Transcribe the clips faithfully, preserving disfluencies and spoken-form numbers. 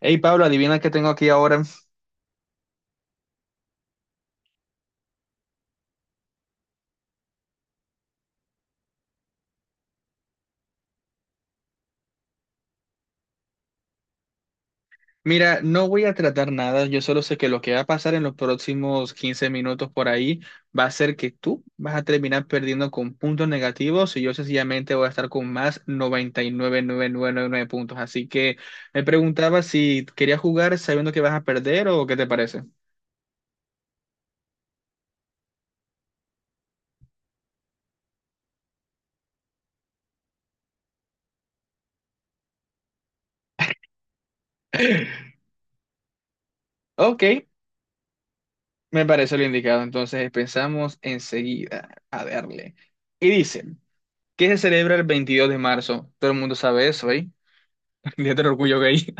Hey Pablo, adivina qué tengo aquí ahora. Mira, no voy a tratar nada, yo solo sé que lo que va a pasar en los próximos quince minutos por ahí va a ser que tú vas a terminar perdiendo con puntos negativos y yo sencillamente voy a estar con más noventa y nueve mil novecientos noventa y nueve puntos. Así que me preguntaba si querías jugar sabiendo que vas a perder o qué te parece. Ok, me parece lo indicado. Entonces pensamos enseguida a darle. Y dice, ¿qué se celebra el veintidós de marzo? Todo el mundo sabe eso, ¿eh? Día del orgullo gay.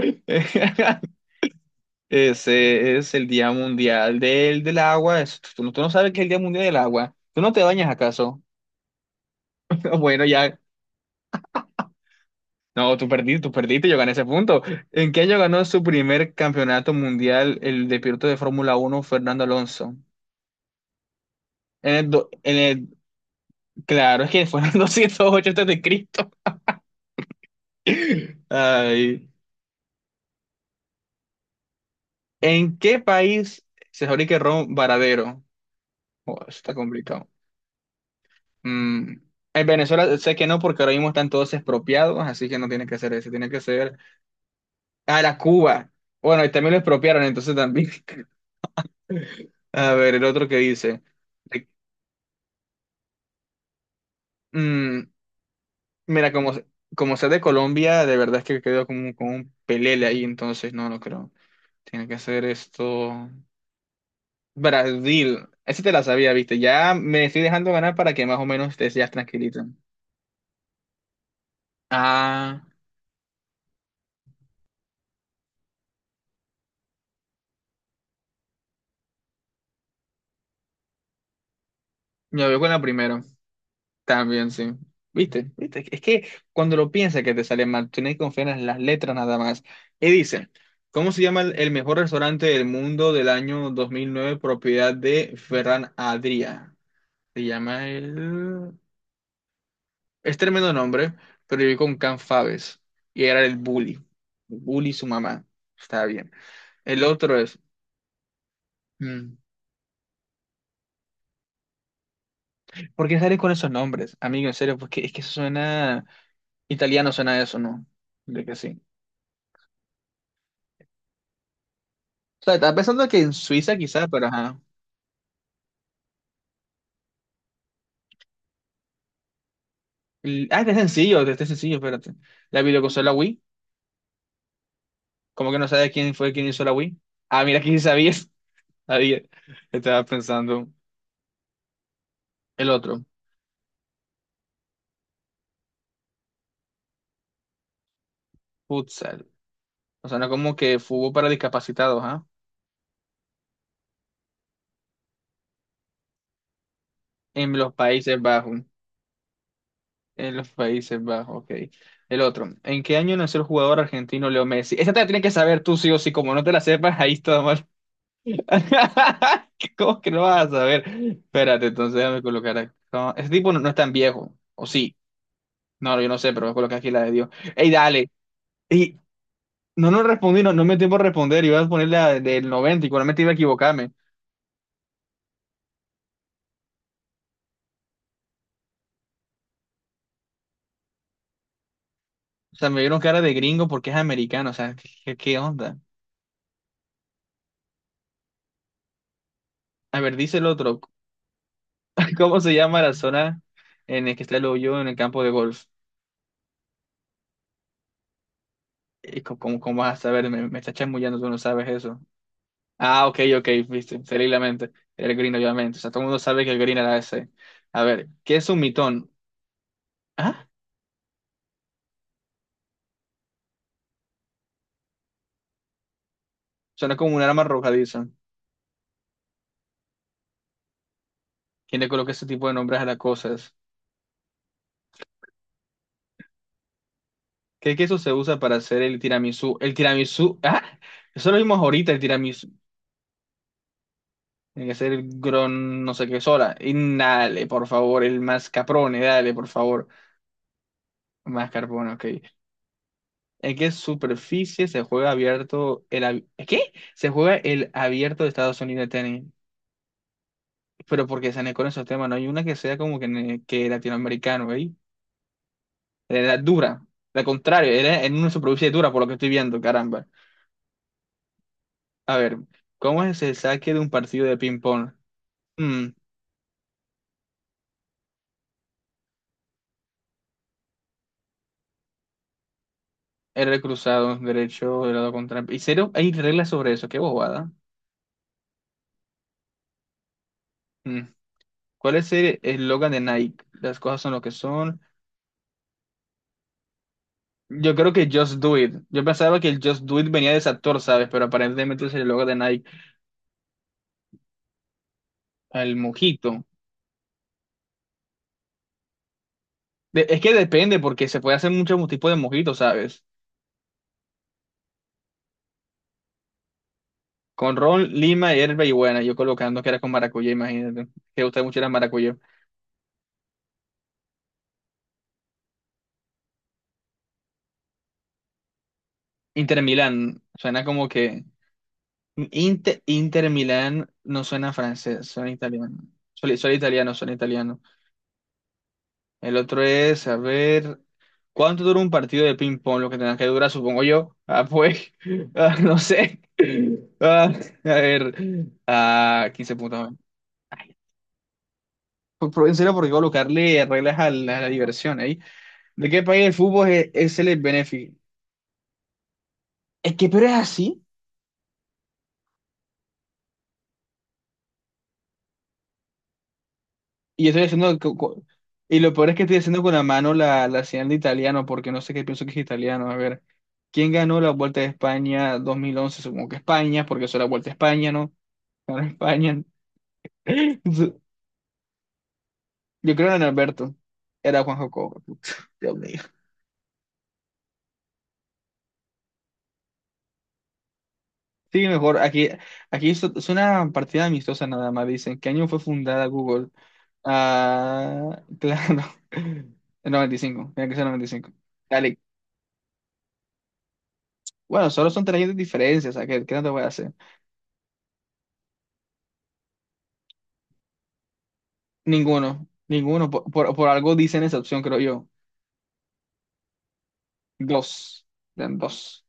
Ese es el Día Mundial del, del Agua. Es- Tú, no, tú no sabes que es el Día Mundial del Agua. ¿Tú no te bañas acaso? Bueno, ya. No, tú perdiste, tú perdiste, yo gané ese punto. ¿En qué año ganó su primer campeonato mundial el de piloto de Fórmula Uno Fernando Alonso? En el, do- en el- Claro, es que fue en el doscientos ocho antes de Cristo. Ay. ¿En qué país se fabrica el ron Varadero? Oh, eso está complicado. Mm, en Venezuela sé que no, porque ahora mismo están todos expropiados, así que no tiene que ser ese, tiene que ser a la Cuba. Bueno, y también lo expropiaron, entonces también. A ver, el otro que dice. de- mm, mira, como, como sea de Colombia, de verdad es que quedó como, como un pelele ahí, entonces no lo creo. Tiene que ser esto. Brasil. Ese te la sabía, viste. Ya me estoy dejando ganar para que más o menos te seas tranquilito. Ah, me voy con la primera. También, sí. ¿Viste? ¿Viste? Es que cuando lo piensas que te sale mal, tienes que confiar en las letras nada más. Y dice, ¿cómo se llama el, el mejor restaurante del mundo del año dos mil nueve propiedad de Ferran Adrià? Se llama el. Es tremendo nombre, pero viví con Can Faves. Y era el bully. El bully y su mamá. Está bien. El otro es. mm, ¿Por qué sales con esos nombres? Amigo, en serio, porque es que suena. Italiano suena eso, ¿no? De que sí. O sea, estaba pensando que en Suiza quizás, pero ajá. El- Ah, este es sencillo, este es sencillo, espérate. La videoconsola Wii. ¿Cómo que no sabes quién fue quien hizo la Wii? Ah, mira, aquí sí sabías. Sabía. Estaba pensando el otro. Futsal. O sea, no como que fútbol para discapacitados, ¿ah? En los Países Bajos. En los Países Bajos, ok. El otro. ¿En qué año nació el jugador argentino Leo Messi? Esa te la tienes que saber tú sí o sí. Como no te la sepas, ahí está. ¿Cómo que no vas a saber? Espérate, entonces déjame colocar acá. Ese tipo no, no es tan viejo, o sí. No, yo no sé, pero voy a colocar aquí la de Dios. ¡Ey, dale! Y no, no respondí, no, no me dio tiempo a responder. Iba a poner la del noventa y probablemente iba a equivocarme. O sea, me vieron cara de gringo porque es americano. O sea, ¿qué, qué- ¿onda? A ver, dice el otro. ¿Cómo se llama la zona en la que está el hoyo en el campo de golf? Eh, ¿Cómo, cómo, cómo vas a saber? Me, me está chamullando, tú no sabes. Ah, ok, ok, viste, se leí la mente. Era el Green, obviamente. O sea, todo el mundo sabe que el Green era ese. A ver, ¿qué es un mitón? Ah, suena como un arma arrojadiza. ¿Quién le coloca ese tipo de nombres a las cosas? ¿Qué queso se usa para hacer el tiramisú? El tiramisú, ah, eso lo vimos ahorita, el tiramisú. Tiene que ser el gron, no sé qué sola. Y dale, por favor, el mascarpone, dale, por favor. Mascarpone, ok. ¿En qué superficie se juega abierto el... ab- ¿Qué? se juega el abierto de Estados Unidos de tenis? Pero porque se con esos temas, no hay una que sea como que, ne- que latinoamericano, ¿veis? Era dura, al contrario, era en una de dura, por lo que estoy viendo, caramba. A ver, ¿cómo es el saque de un partido de ping-pong? Mm, R cruzado, derecho, de lado contra. Y cero, hay reglas sobre eso, qué bobada. Mm, ¿Cuál es el eslogan de Nike? Las cosas son lo que son. Yo creo que Just Do It. Yo pensaba que el Just Do It venía de ese actor, ¿sabes? Pero aparentemente es el eslogan de Nike. El mojito. De- es que depende, porque se puede hacer muchos tipos de mojitos, ¿sabes? Con ron, lima, hierba y buena. Yo colocando que era con maracuyá, imagínate. Que gusta mucho era maracuyá. Inter Milán, suena como que. Inter, Inter Milán no suena francés, suena italiano. Suena, suena italiano, suena italiano. El otro es, a ver. ¿Cuánto dura un partido de ping-pong? Lo que tenga que durar, supongo yo. Ah, pues. ah, no sé. Ah, a ver. Ah, quince puntos. Por- por- En serio, porque voy a colocarle reglas a la, a la diversión ahí. ¿De qué país el fútbol es, es el beneficio? Es que pero es así. Y yo estoy haciendo. co- co- Y lo peor es que estoy haciendo con la mano la, la señal de italiano, porque no sé qué pienso que es italiano. A ver, ¿quién ganó la Vuelta de España dos mil once? Supongo que España, porque eso era Vuelta a España, ¿no? Ganó España. Yo creo que era Alberto. Era Juan Jacobo. Dios mío. Sí, mejor. Aquí, aquí es es una partida amistosa nada más. Dicen, ¿qué año fue fundada Google? Ah, claro. noventa y cinco, tiene que ser noventa y cinco. Dale. Bueno, solo son tres años de diferencia, o sea, ¿qué, qué no te voy a hacer? Ninguno, ninguno. Por, por- por algo dicen esa opción, creo yo. Dos, eran dos.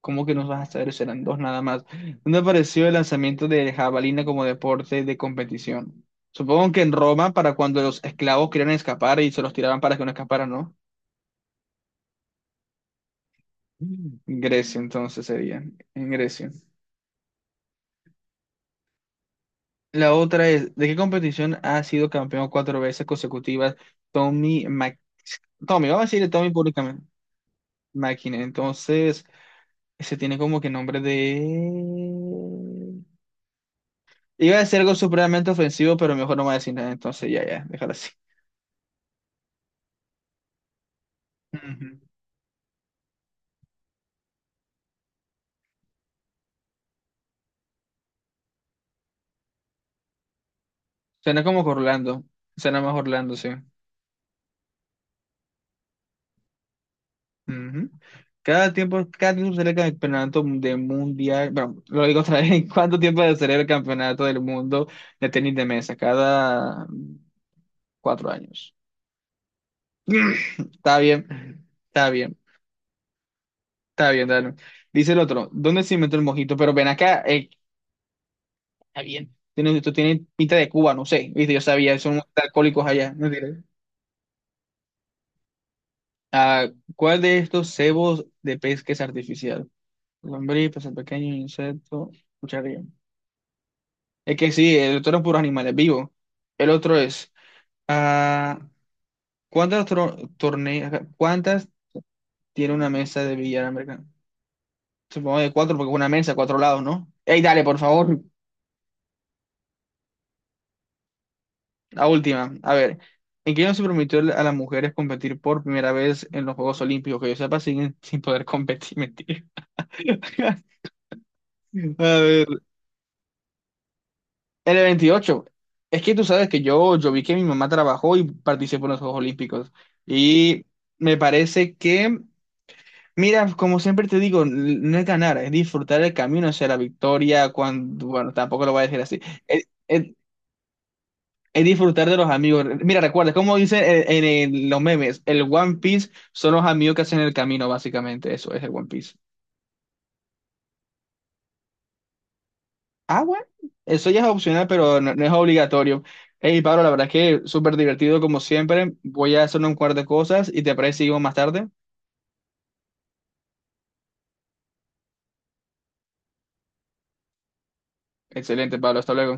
¿Cómo que nos vas a saber? Serán dos nada más. ¿Dónde apareció el lanzamiento de jabalina como deporte de competición? Supongo que en Roma, para cuando los esclavos querían escapar y se los tiraban para que no escaparan, ¿no? En Grecia, entonces sería. En Grecia. La otra es, ¿de qué competición ha sido campeón cuatro veces consecutivas Tommy Mac Tommy, vamos a decirle Tommy públicamente. Máquina. Entonces, ese tiene como que nombre de. Iba a decir algo supremamente ofensivo, pero mejor no me voy a decir nada. Entonces, ya, ya, déjalo así. Ujú. Suena como que Orlando. Suena más Orlando, sí. Ujú. Cada tiempo, cada tiempo se celebra el campeonato de mundial. Bueno, lo digo otra vez. ¿Cuánto tiempo se celebra el campeonato del mundo de tenis de mesa? Cada cuatro años. Está bien, está bien, está bien, dale. Dice el otro, ¿dónde se inventó el mojito? Pero ven acá, eh, está bien. Tiene, esto tiene pinta de Cuba, no sé. Viste, yo sabía, son alcohólicos allá. No. ¿Cuál de estos cebos de pesca es artificial? Lombriz, pez pequeño, insecto, cucharilla. Es que sí, el otro es puros animales vivos. El otro es, ah, ¿cuántas tro- torne- ¿cuántas tiene una mesa de billar americano? Supongo de cuatro, porque es una mesa, cuatro lados, ¿no? Ey, dale, por favor. La última, a ver, ¿en qué año se permitió a las mujeres competir por primera vez en los Juegos Olímpicos? Que yo sepa, siguen sin poder competir, mentira. A ver, en el veintiocho. Es que tú sabes que yo, yo vi que mi mamá trabajó y participó en los Juegos Olímpicos. Y me parece que, mira, como siempre te digo, n- no es ganar, es disfrutar el camino hacia la victoria cuando, bueno, tampoco lo voy a decir así. Es disfrutar de los amigos. Mira, recuerda, como dice en, en el- los memes, el One Piece son los amigos que hacen el camino, básicamente. Eso es el One Piece. Ah, bueno, eso ya es opcional, pero no, no es obligatorio. Hey, Pablo, la verdad es que súper divertido como siempre. Voy a hacer un par de cosas y te parece que seguimos más tarde. Excelente, Pablo, hasta luego.